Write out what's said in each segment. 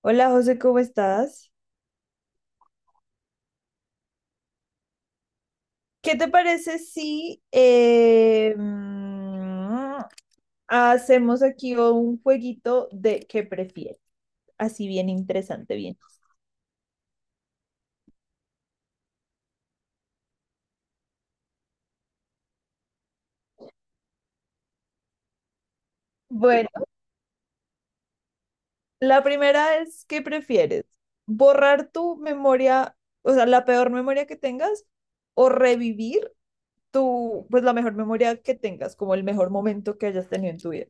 Hola José, ¿cómo estás? ¿Qué te parece si hacemos aquí un jueguito de qué prefieres? Así bien interesante, bien. Bueno, la primera es, ¿qué prefieres? ¿Borrar tu memoria, o sea, la peor memoria que tengas, o revivir tu, pues la mejor memoria que tengas, como el mejor momento que hayas tenido en tu vida?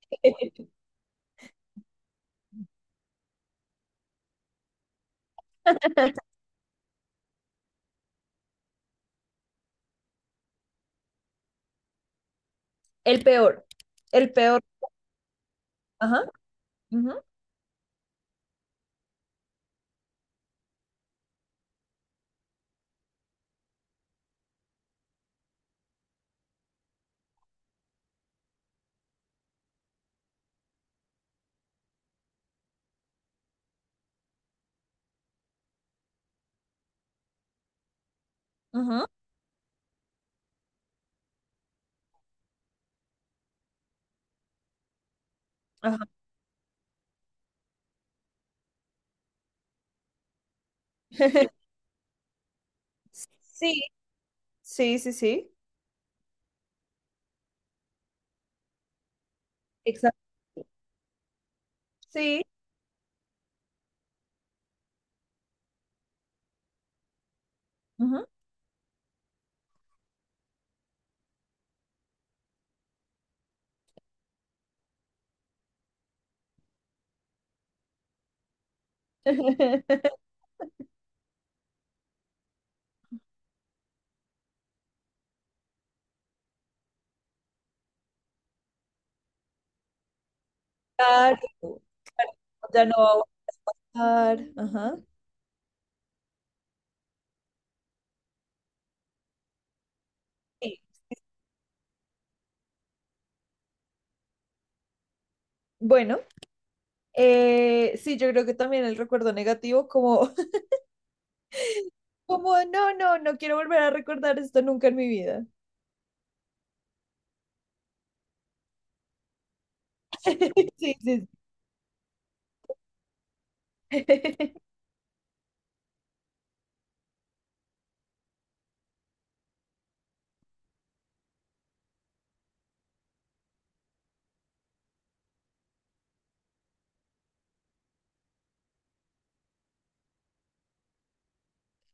El peor, el peor. Ajá, ujú, ujú, ajá. Sí. Sí, sí, sí. Exacto. Sí. Ujú. Claro, ya no va a bajar. Ajá. Sí. Bueno, sí, yo creo que también el recuerdo negativo, como, como no, no, no quiero volver a recordar esto nunca en mi vida. Sí, sí. Sí.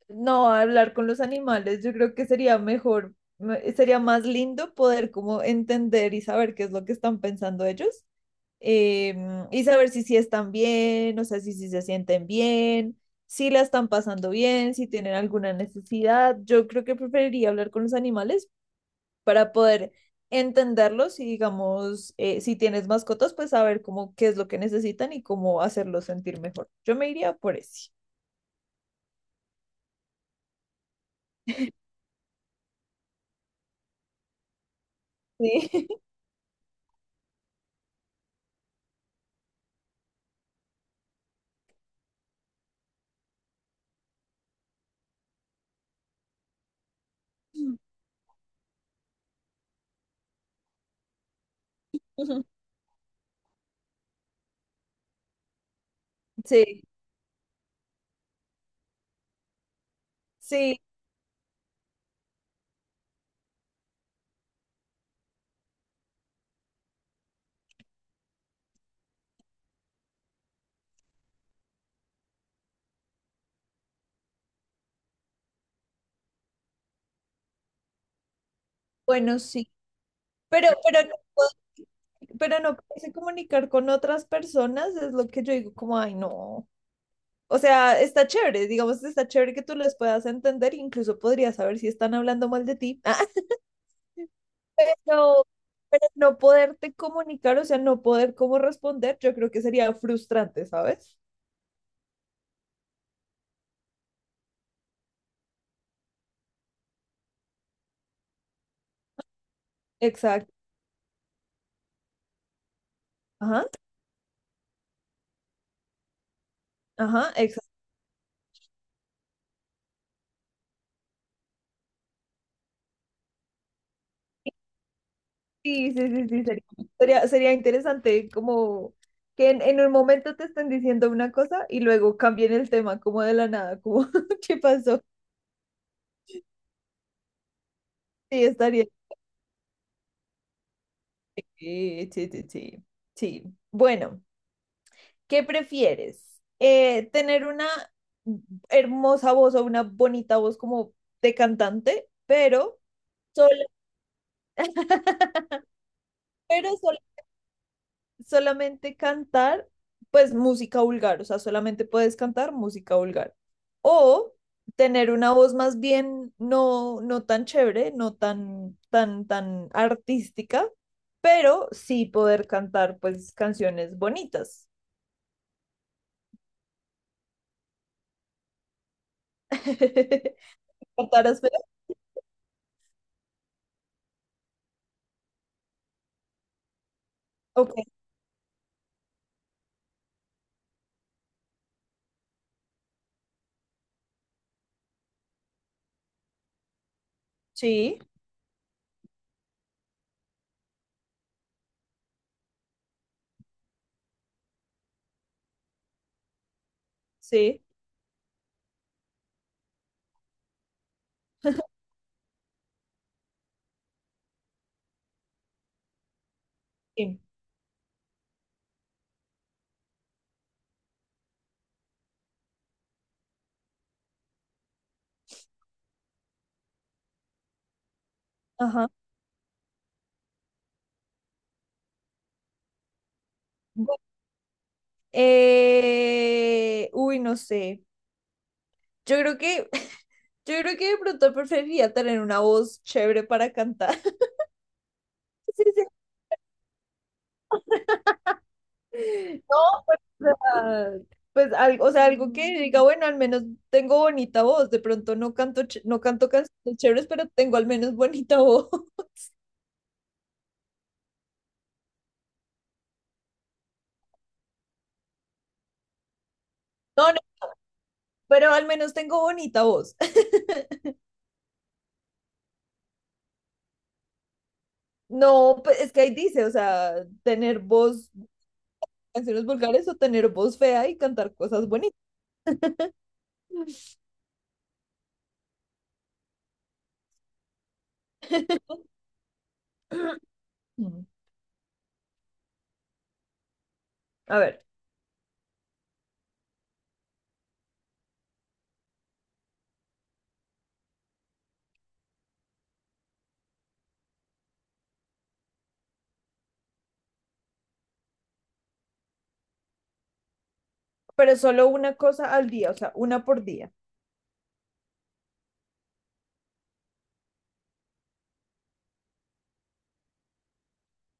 No, hablar con los animales, yo creo que sería mejor, sería más lindo poder como entender y saber qué es lo que están pensando ellos, y saber si sí están bien, o sea, si sí se sienten bien, si la están pasando bien, si tienen alguna necesidad. Yo creo que preferiría hablar con los animales para poder entenderlos y, digamos, si tienes mascotas, pues saber cómo qué es lo que necesitan y cómo hacerlos sentir mejor. Yo me iría por ese. Sí. Sí. Sí, bueno, sí. Pero, pero, no puedo- pero no poderse comunicar con otras personas es lo que yo digo, como, ay, no. O sea, está chévere, digamos, está chévere que tú les puedas entender, incluso podrías saber si están hablando mal de ti. Ah, pero no poderte comunicar, o sea, no poder cómo responder, yo creo que sería frustrante, ¿sabes? Exacto. Ajá, ajá, exacto. Sí, sí, sí, sí, sería interesante como que en un momento te estén diciendo una cosa y luego cambien el tema como de la nada, como ¿qué pasó? Sí, estaría. Sí, sí, sí, sí. Sí. Bueno, ¿qué prefieres? ¿Tener una hermosa voz o una bonita voz como de cantante, pero solo, pero sol- solamente cantar, pues música vulgar, o sea, solamente puedes cantar música vulgar? O tener una voz más bien no, no tan chévere, no tan artística, pero sí poder cantar pues canciones bonitas. ¿Cantarás feo? Ok, sí, sí, sí. Ajá. Bu- no sé. Yo creo que, yo creo que de pronto preferiría tener una voz chévere para cantar. Sí, no, pues, o sea, pues, algo, o sea, algo que diga, bueno, al menos tengo bonita voz, de pronto no canto, no canto canciones chéveres, pero tengo al menos bonita voz. No, no, pero al menos tengo bonita voz. No, pues es que ahí dice, o sea, tener voz, canciones vulgares o tener voz fea y cantar cosas bonitas. A ver, pero solo una cosa al día, o sea, una por día.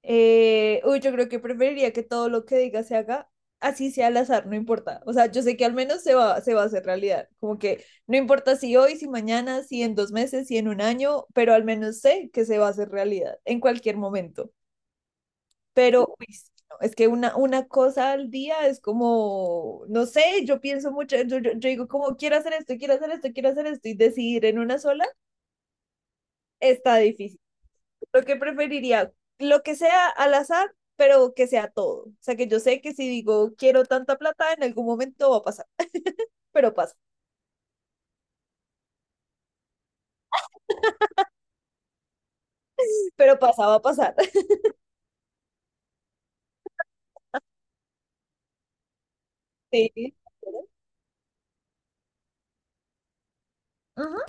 Yo creo que preferiría que todo lo que diga se haga, así sea al azar, no importa. O sea, yo sé que al menos se va a hacer realidad. Como que no importa si hoy, si mañana, si en dos meses, si en un año, pero al menos sé que se va a hacer realidad en cualquier momento. Pero uy, sí, no, es que una cosa al día es como, no sé, yo pienso mucho, yo digo como quiero hacer esto, quiero hacer esto, quiero hacer esto y decidir en una sola está difícil. Lo que preferiría, lo que sea al azar, pero que sea todo. O sea, que yo sé que si digo quiero tanta plata, en algún momento va a pasar, pero pasa, pero pasa, va a pasar. Sí. Ajá.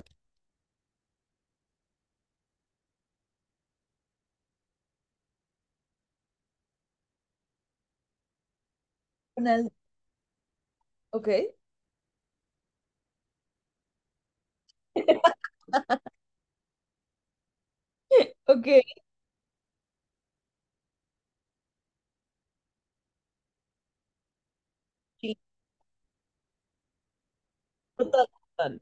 Una. Ok. Ok. Sí, total, total.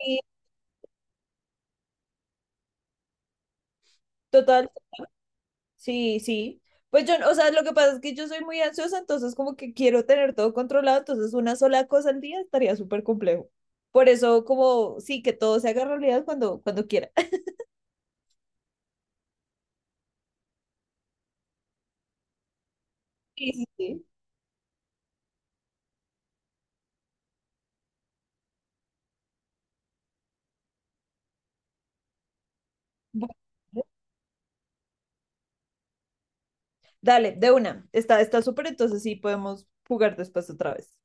Sí, total. Sí, sí. Pues yo, no, o sea, lo que pasa es que yo soy muy ansiosa, entonces como que quiero tener todo controlado, entonces una sola cosa al día estaría súper complejo. Por eso como, sí, que todo se haga realidad cuando, cuando quiera. Sí, sí, sí. Bueno, dale, de una. Está, está súper, entonces sí podemos jugar después otra vez.